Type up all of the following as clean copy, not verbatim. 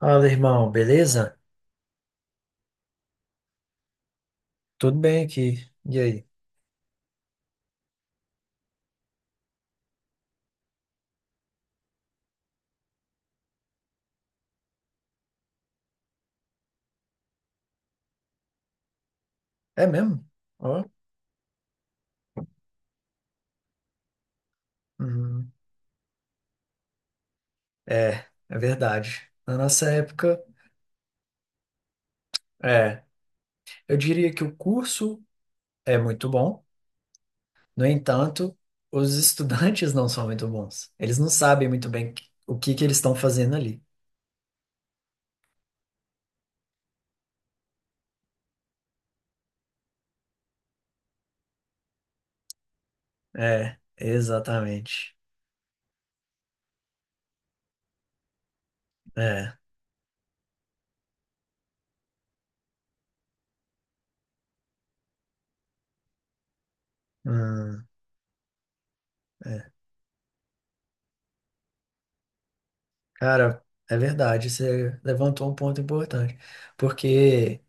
Fala, irmão, beleza? Tudo bem aqui. E aí? É mesmo? Ó. Uhum. É, é verdade. Na nossa época, é. Eu diria que o curso é muito bom, no entanto, os estudantes não são muito bons. Eles não sabem muito bem o que que eles estão fazendo ali. É, exatamente. É. Hum, é. Cara, é verdade, você levantou um ponto importante, porque.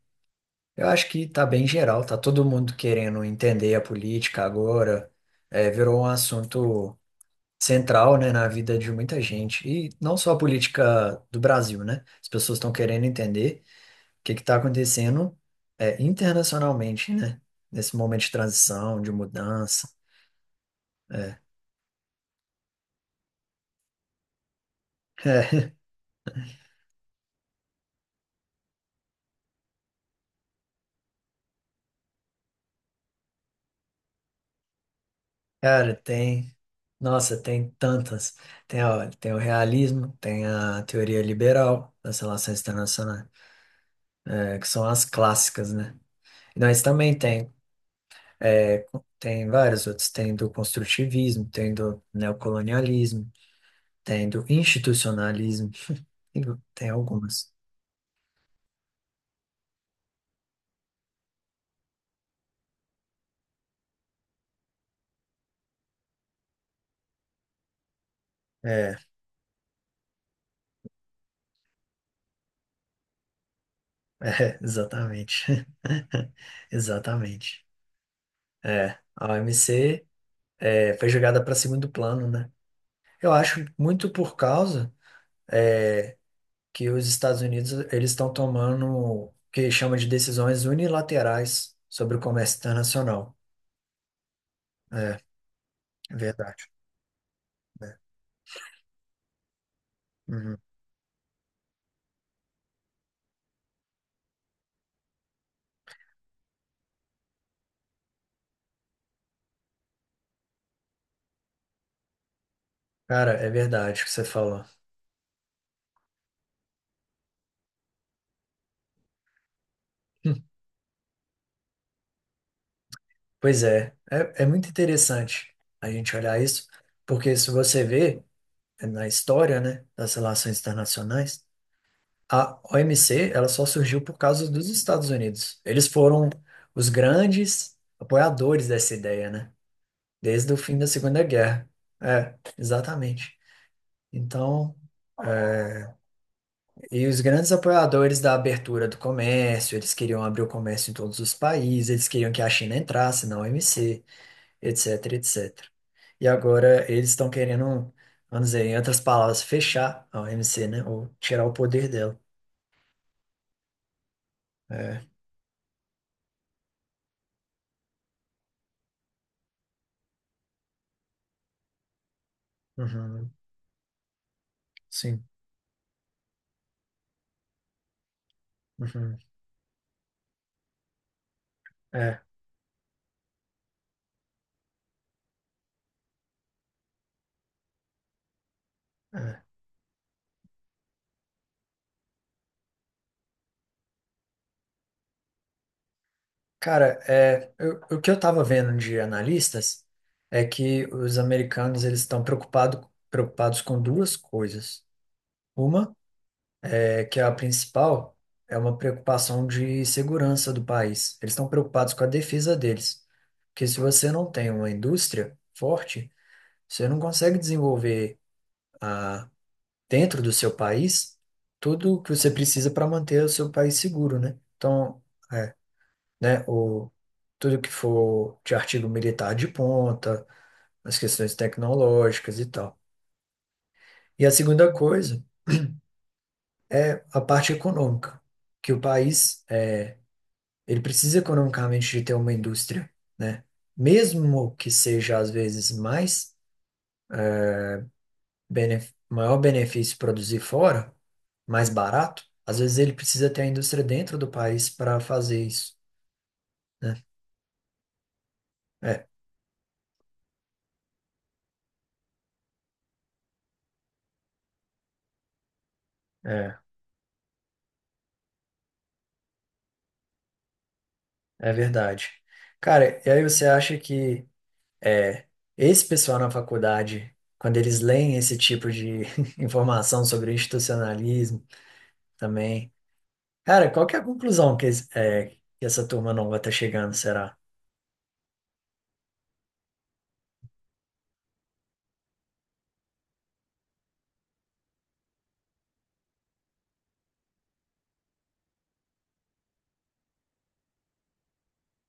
Eu acho que tá bem geral, tá todo mundo querendo entender a política agora, é, virou um assunto central, né, na vida de muita gente, e não só a política do Brasil, né? As pessoas estão querendo entender o que que tá acontecendo, é, internacionalmente, né? Nesse momento de transição, de mudança. É. Cara, tem. Nossa, tem tantas. Tem, a, tem o realismo, tem a teoria liberal das relações internacionais, é, que são as clássicas, né? Nós também tem. Tem vários outros, tem do construtivismo, tem do neocolonialismo, tem do institucionalismo, tem tem algumas. É, exatamente. Exatamente. É, a OMC foi jogada para segundo plano, né? Eu acho muito por causa que os Estados Unidos eles estão tomando o que chama de decisões unilaterais sobre o comércio internacional. É, é verdade. Né? Uhum. Cara, é verdade o que você falou. Pois é, é muito interessante a gente olhar isso, porque se você vê na história, né, das relações internacionais, a OMC, ela só surgiu por causa dos Estados Unidos. Eles foram os grandes apoiadores dessa ideia, né, desde o fim da Segunda Guerra. É, exatamente. Então, eh, e os grandes apoiadores da abertura do comércio, eles queriam abrir o comércio em todos os países, eles queriam que a China entrasse na OMC, etc, etc. etcétera. E agora eles estão querendo, vamos dizer, em outras palavras, fechar a OMC, né? Ou tirar o poder dela. É. Uhum. Sim. Uhum. É. É. Cara, é, o que eu tava vendo de analistas é que os americanos eles estão preocupados com duas coisas. Uma é que a principal é uma preocupação de segurança do país. Eles estão preocupados com a defesa deles. Porque se você não tem uma indústria forte, você não consegue desenvolver a- dentro do seu país tudo que você precisa para manter o seu país seguro, né? Então, é, né, o, tudo que for de artigo militar de ponta, as questões tecnológicas e tal. E a segunda coisa, a parte econômica, que o país, é, ele precisa economicamente de ter uma indústria, né? Mesmo que seja, às vezes, mais benef maior benefício produzir fora, mais barato, às vezes ele precisa ter a indústria dentro do país para fazer isso. É, é, é é verdade. Cara, e aí você acha que é, esse pessoal na faculdade, quando eles leem esse tipo de informação sobre institucionalismo também, cara, qual que é a conclusão que, que essa turma nova tá chegando, será?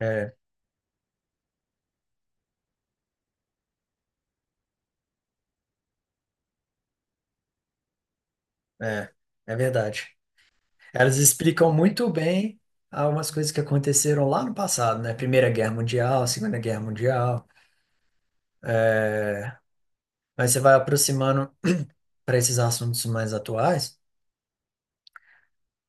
É, é, é verdade. Elas explicam muito bem algumas coisas que aconteceram lá no passado, né? Primeira Guerra Mundial, Segunda Guerra Mundial. Aí você vai aproximando para esses assuntos mais atuais.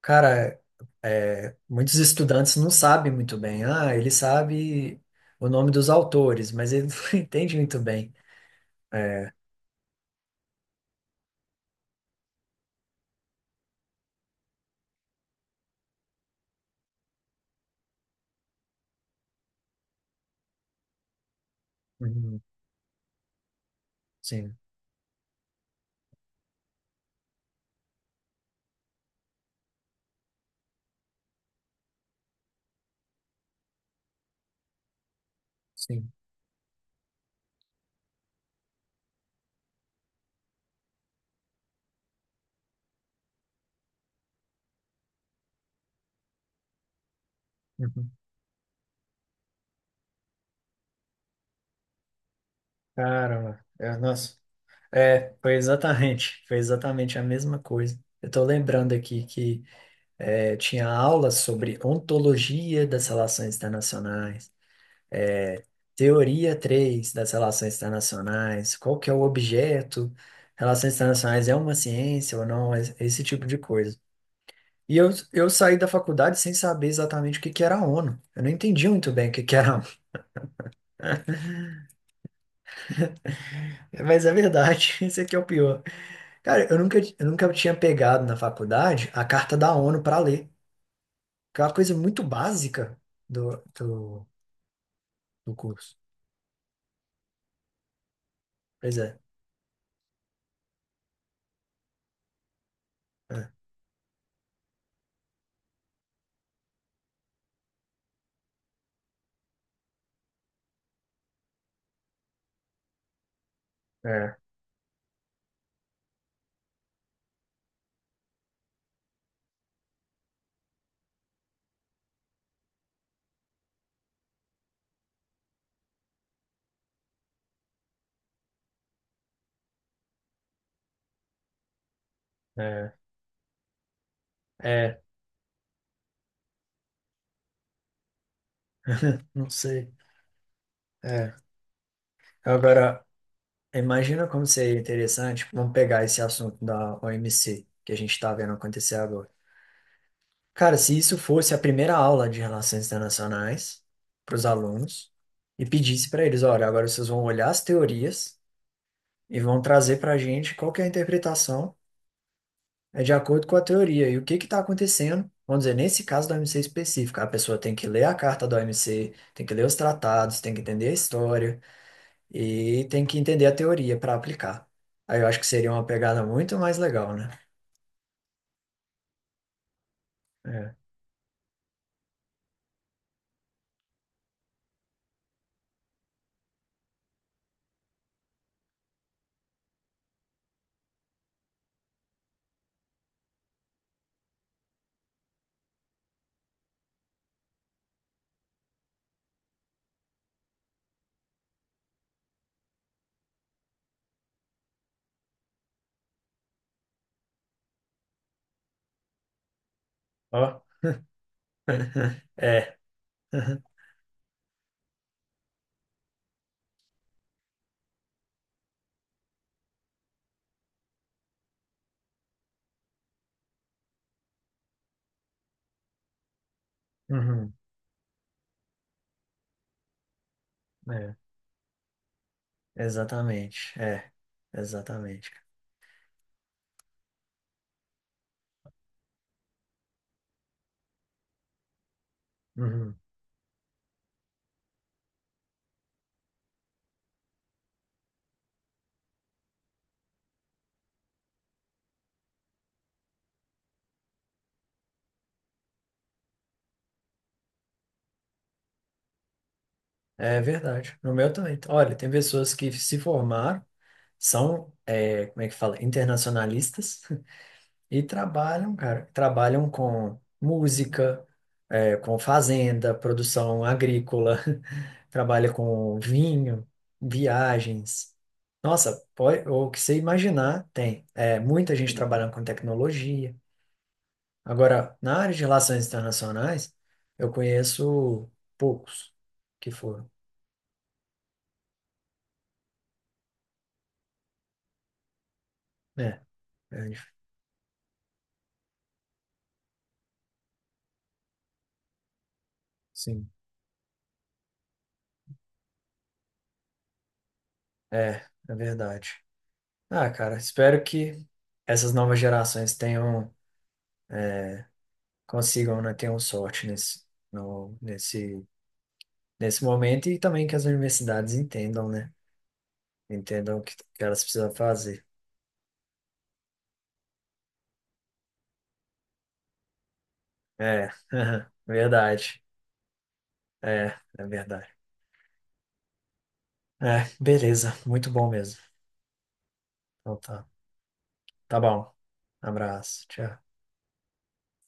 Cara, é, muitos estudantes não sabem muito bem. Ah, ele sabe o nome dos autores, mas ele não entende muito bem. Uhum, sim, sim. Uhum. Caramba, é, nossa. É, foi exatamente a mesma coisa. Eu estou lembrando aqui que é, tinha aula sobre ontologia das relações internacionais. Teoria 3 das relações internacionais, qual que é o objeto, relações internacionais é uma ciência ou não, esse tipo de coisa. E eu saí da faculdade sem saber exatamente o que que era a ONU. Eu não entendi muito bem o que que era a ONU, mas é verdade, esse aqui é o pior. Cara, eu nunca tinha pegado na faculdade a carta da ONU para ler, que é uma coisa muito básica do, do, do curso. Pois é, é, é, é, é, não sei. É. Agora. Imagina como seria interessante, vamos pegar esse assunto da OMC que a gente está vendo acontecer agora. Cara, se isso fosse a primeira aula de relações internacionais para os alunos e pedisse para eles, olha, agora vocês vão olhar as teorias e vão trazer para a gente qual que é a interpretação é de acordo com a teoria e o que que está acontecendo. Vamos dizer, nesse caso da OMC específica, a pessoa tem que ler a carta da OMC, tem que ler os tratados, tem que entender a história. E tem que entender a teoria para aplicar. Aí eu acho que seria uma pegada muito mais legal, né? É. Ó. É. Uhum. É. Exatamente. É. Exatamente. Uhum. É verdade. No meu também. Olha, tem pessoas que se formaram, são, é, como é que fala? Internacionalistas. E trabalham, cara, trabalham com música, é, com fazenda, produção agrícola, trabalha com vinho, viagens. Nossa, pode, o que você imaginar tem. É, muita gente trabalhando com tecnologia. Agora, na área de relações internacionais, eu conheço poucos que foram. Né? É, sim. É, é verdade. Ah, cara, espero que essas novas gerações tenham consigam, né, ter um sorte nesse, no, nesse, nesse momento e também que as universidades entendam, né? Entendam o que, que elas precisam fazer. É, verdade. É, é verdade. É, beleza, muito bom mesmo. Então tá. Tá bom. Abraço, tchau.